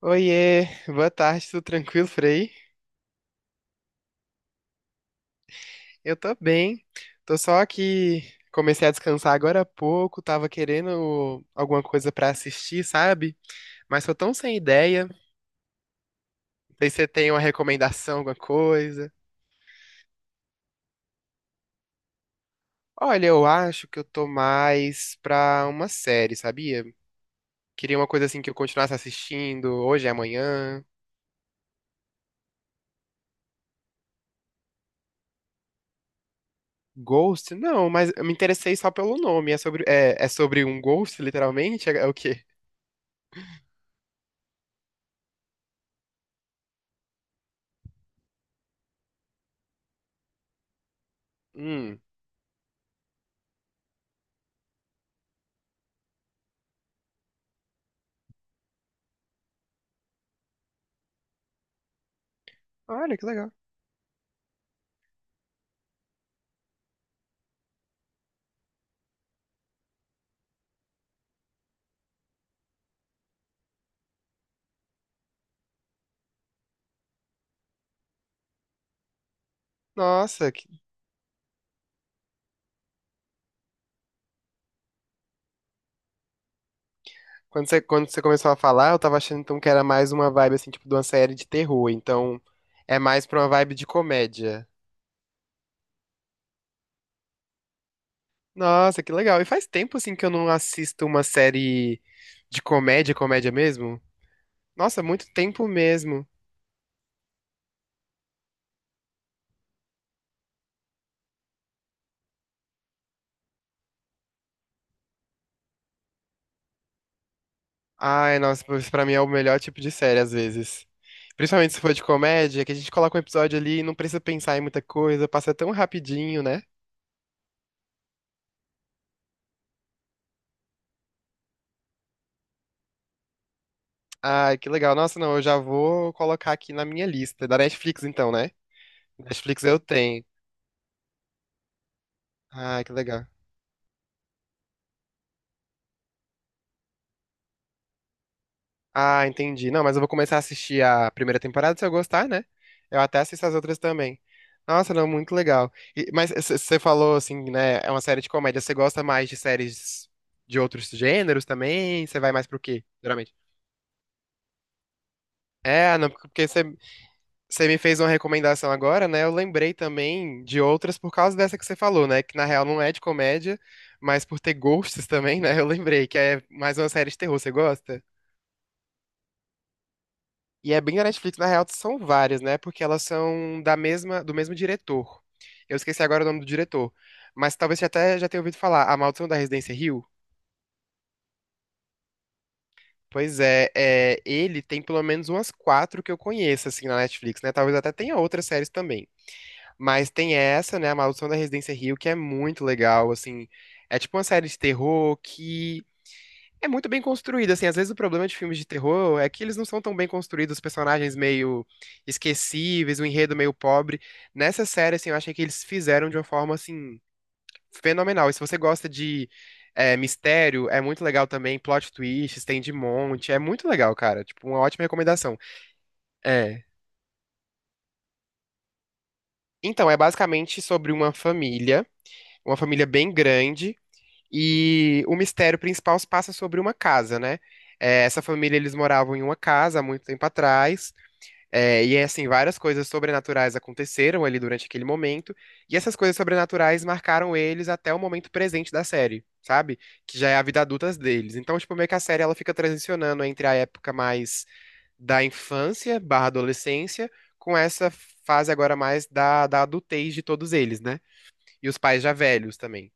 Oiê, boa tarde, tudo tranquilo, Frei? Eu tô bem, tô só que comecei a descansar agora há pouco, tava querendo alguma coisa pra assistir, sabe? Mas tô tão sem ideia. Não sei se você tem uma recomendação, alguma coisa. Olha, eu acho que eu tô mais pra uma série, sabia? Queria uma coisa assim que eu continuasse assistindo hoje e amanhã. Ghost? Não, mas eu me interessei só pelo nome. É sobre, é sobre um ghost, literalmente? É, é o quê? Hum, olha que legal. Nossa, que quando você começou a falar, eu tava achando então que era mais uma vibe assim, tipo, de uma série de terror. Então, é mais pra uma vibe de comédia. Nossa, que legal. E faz tempo assim que eu não assisto uma série de comédia, comédia mesmo? Nossa, muito tempo mesmo. Ai, nossa, pois pra mim é o melhor tipo de série às vezes. Principalmente se for de comédia, que a gente coloca um episódio ali e não precisa pensar em muita coisa, passa tão rapidinho, né? Ai, que legal. Nossa, não, eu já vou colocar aqui na minha lista. Da Netflix então, né? Netflix eu tenho. Ah, que legal. Ah, entendi. Não, mas eu vou começar a assistir a primeira temporada se eu gostar, né? Eu até assisto as outras também. Nossa, não, muito legal. E- mas você falou assim, né? É uma série de comédia. Você gosta mais de séries de outros gêneros também? Você vai mais pro quê, geralmente? É, não, porque você me fez uma recomendação agora, né? Eu lembrei também de outras por causa dessa que você falou, né? Que na real não é de comédia, mas por ter gostos também, né? Eu lembrei que é mais uma série de terror. Você gosta? E é bem da Netflix, na real, são várias, né? Porque elas são da mesma, do mesmo diretor. Eu esqueci agora o nome do diretor, mas talvez você até já tenha ouvido falar, A Maldição da Residência Hill. Pois é, é, ele tem pelo menos umas quatro que eu conheço, assim, na Netflix, né? Talvez até tenha outras séries também. Mas tem essa, né, A Maldição da Residência Hill, que é muito legal, assim. É tipo uma série de terror que é muito bem construído, assim, às vezes o problema de filmes de terror é que eles não são tão bem construídos, os personagens meio esquecíveis, o enredo meio pobre. Nessa série, assim, eu achei que eles fizeram de uma forma, assim, fenomenal. E se você gosta de é, mistério, é muito legal também, plot twists, tem de monte, é muito legal, cara, tipo, uma ótima recomendação. É. Então, é basicamente sobre uma família bem grande, e o mistério principal se passa sobre uma casa, né? É, essa família, eles moravam em uma casa há muito tempo atrás, é, e assim, várias coisas sobrenaturais aconteceram ali durante aquele momento, e essas coisas sobrenaturais marcaram eles até o momento presente da série, sabe? Que já é a vida adulta deles. Então, tipo, meio que a série ela fica transicionando entre a época mais da infância barra adolescência, com essa fase agora mais da adultez de todos eles, né? E os pais já velhos também.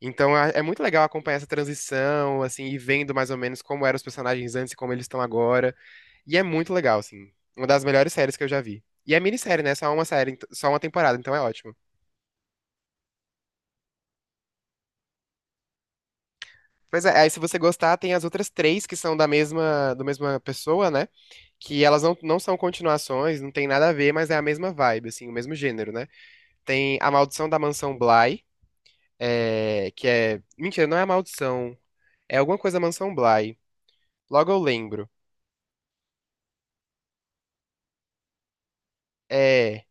Então a- é muito legal acompanhar essa transição, assim, e vendo mais ou menos como eram os personagens antes e como eles estão agora. E é muito legal, assim. Uma das melhores séries que eu já vi. E é minissérie, né? Só uma série, ent- só uma temporada, então é ótimo. Pois é, aí se você gostar, tem as outras três que são da mesma, do mesma pessoa, né? Que elas não são continuações, não tem nada a ver, mas é a mesma vibe, assim, o mesmo gênero, né? Tem A Maldição da Mansão Bly, é, que é... Mentira, não é A Maldição. É alguma coisa da Mansão Bly. Logo eu lembro. É...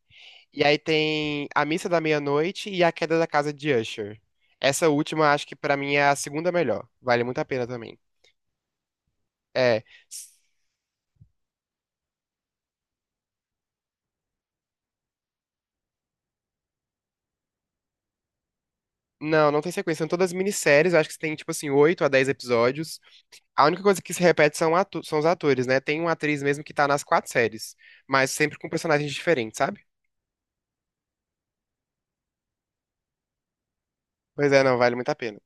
E aí tem A Missa da Meia-Noite e A Queda da Casa de Usher. Essa última, acho que pra mim é a segunda melhor. Vale muito a pena também. É. s- Não, não tem sequência. São todas minisséries. Eu Acho que tem, tipo assim, 8 a 10 episódios. A única coisa que se repete são, atu- são os atores, né? Tem uma atriz mesmo que tá nas quatro séries, mas sempre com personagens diferentes, sabe? Pois é, não, vale muito a pena.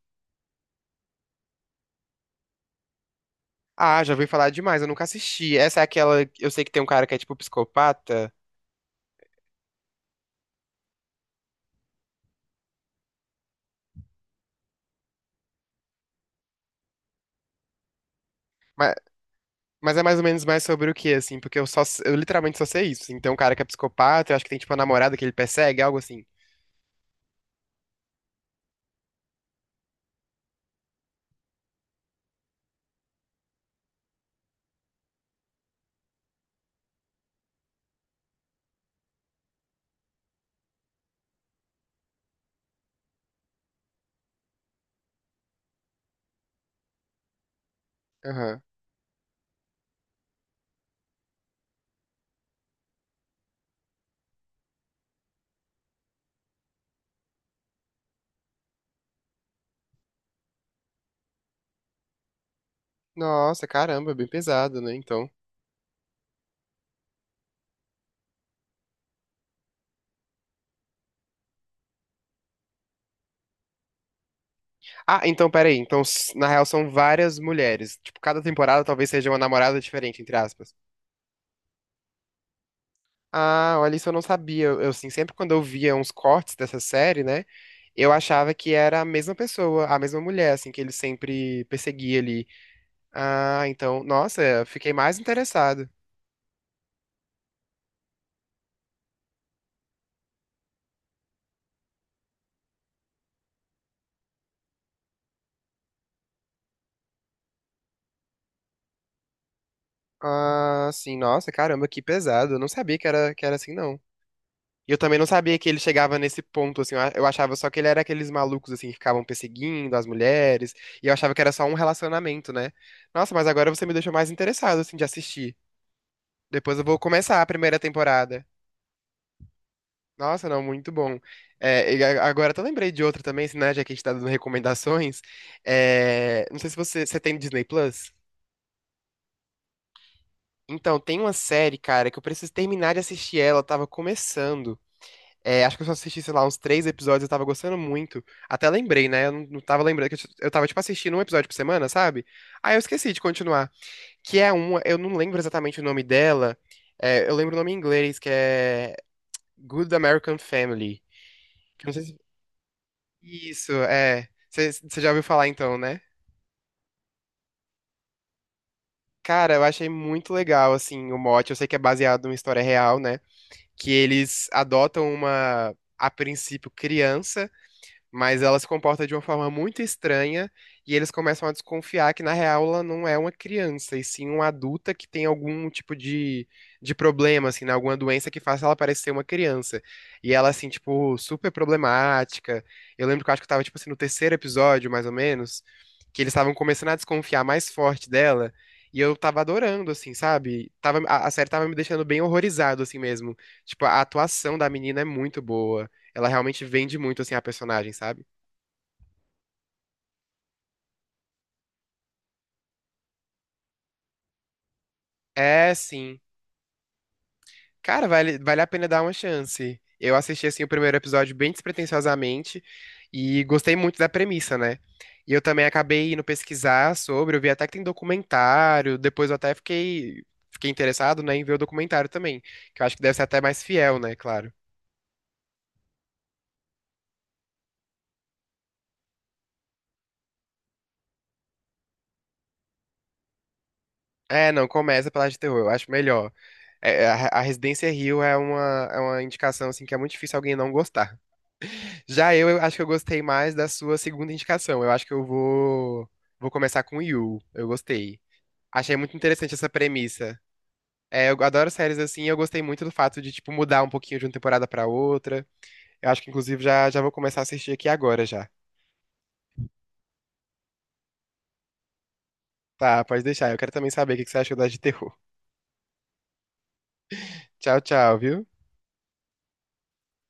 Ah, já ouvi falar demais, eu nunca assisti. Essa é aquela. Eu sei que tem um cara que é tipo psicopata. Mas é mais ou menos mais sobre o que, assim? Porque eu literalmente só sei isso. Então, um cara que é psicopata, eu acho que tem, tipo, uma namorada que ele persegue, algo assim. Aham. Nossa, caramba, bem pesado, né? Então. Ah, então, peraí. Então, s- na real, são várias mulheres. Tipo, cada temporada talvez seja uma namorada diferente, entre aspas. Ah, olha, isso eu não sabia. Assim, sempre quando eu via uns cortes dessa série, né? Eu achava que era a mesma pessoa, a mesma mulher, assim, que ele sempre perseguia ali. Ah, então, nossa, eu fiquei mais interessado. Ah, sim, nossa, caramba, que pesado. Eu não sabia que era assim, não. E eu também não sabia que ele chegava nesse ponto, assim. Eu achava só que ele era aqueles malucos, assim, que ficavam perseguindo as mulheres. E eu achava que era só um relacionamento, né? Nossa, mas agora você me deixou mais interessado, assim, de assistir. Depois eu vou começar a primeira temporada. Nossa, não, muito bom. É, e a- agora eu até lembrei de outra também, assim, né? Já que a gente tá dando recomendações. É, não sei se você, você tem Disney Plus. Então, tem uma série, cara, que eu preciso terminar de assistir ela, eu tava começando. É, acho que eu só assisti, sei lá, uns três episódios, eu tava gostando muito. Até lembrei, né? Eu não tava lembrando que eu, t- eu tava, tipo, assistindo um episódio por semana, sabe? Aí eu esqueci de continuar. Que é uma, eu não lembro exatamente o nome dela. É, eu lembro o nome em inglês, que é Good American Family. Que eu não sei se... Isso, é. Você já ouviu falar então, né? Cara, eu achei muito legal, assim, o mote. Eu sei que é baseado numa história real, né? Que eles adotam uma, a princípio, criança. Mas ela se comporta de uma forma muito estranha e eles começam a desconfiar que, na real, ela não é uma criança, e sim uma adulta que tem algum tipo de problema, assim, né? Alguma doença que faça ela parecer uma criança. E ela, assim, tipo, super problemática. Eu lembro que eu acho que eu tava, tipo assim, no terceiro episódio, mais ou menos, que eles estavam começando a desconfiar mais forte dela. E eu tava adorando, assim, sabe? Tava, a série tava me deixando bem horrorizado, assim mesmo. Tipo, a atuação da menina é muito boa. Ela realmente vende muito, assim, a personagem, sabe? É, sim. Cara, vale a pena dar uma chance. Eu assisti, assim, o primeiro episódio bem despretensiosamente e gostei muito da premissa, né? E eu também acabei indo pesquisar sobre, eu vi até que tem documentário, depois eu até fiquei, fiquei interessado, né, em ver o documentário também, que eu acho que deve ser até mais fiel, né, claro. É, não, começa pela de terror, eu acho melhor. É, é, a Residência Hill é uma indicação, assim, que é muito difícil alguém não gostar. Já eu acho que eu gostei mais da sua segunda indicação. Eu acho que eu vou, vou começar com You. Eu gostei. Achei muito interessante essa premissa. É, eu adoro séries assim, e eu gostei muito do fato de, tipo, mudar um pouquinho de uma temporada pra outra. Eu acho que, inclusive, já vou começar a assistir aqui agora já. Tá, pode deixar. Eu quero também saber o que que você achou das de terror. Tchau, tchau, viu?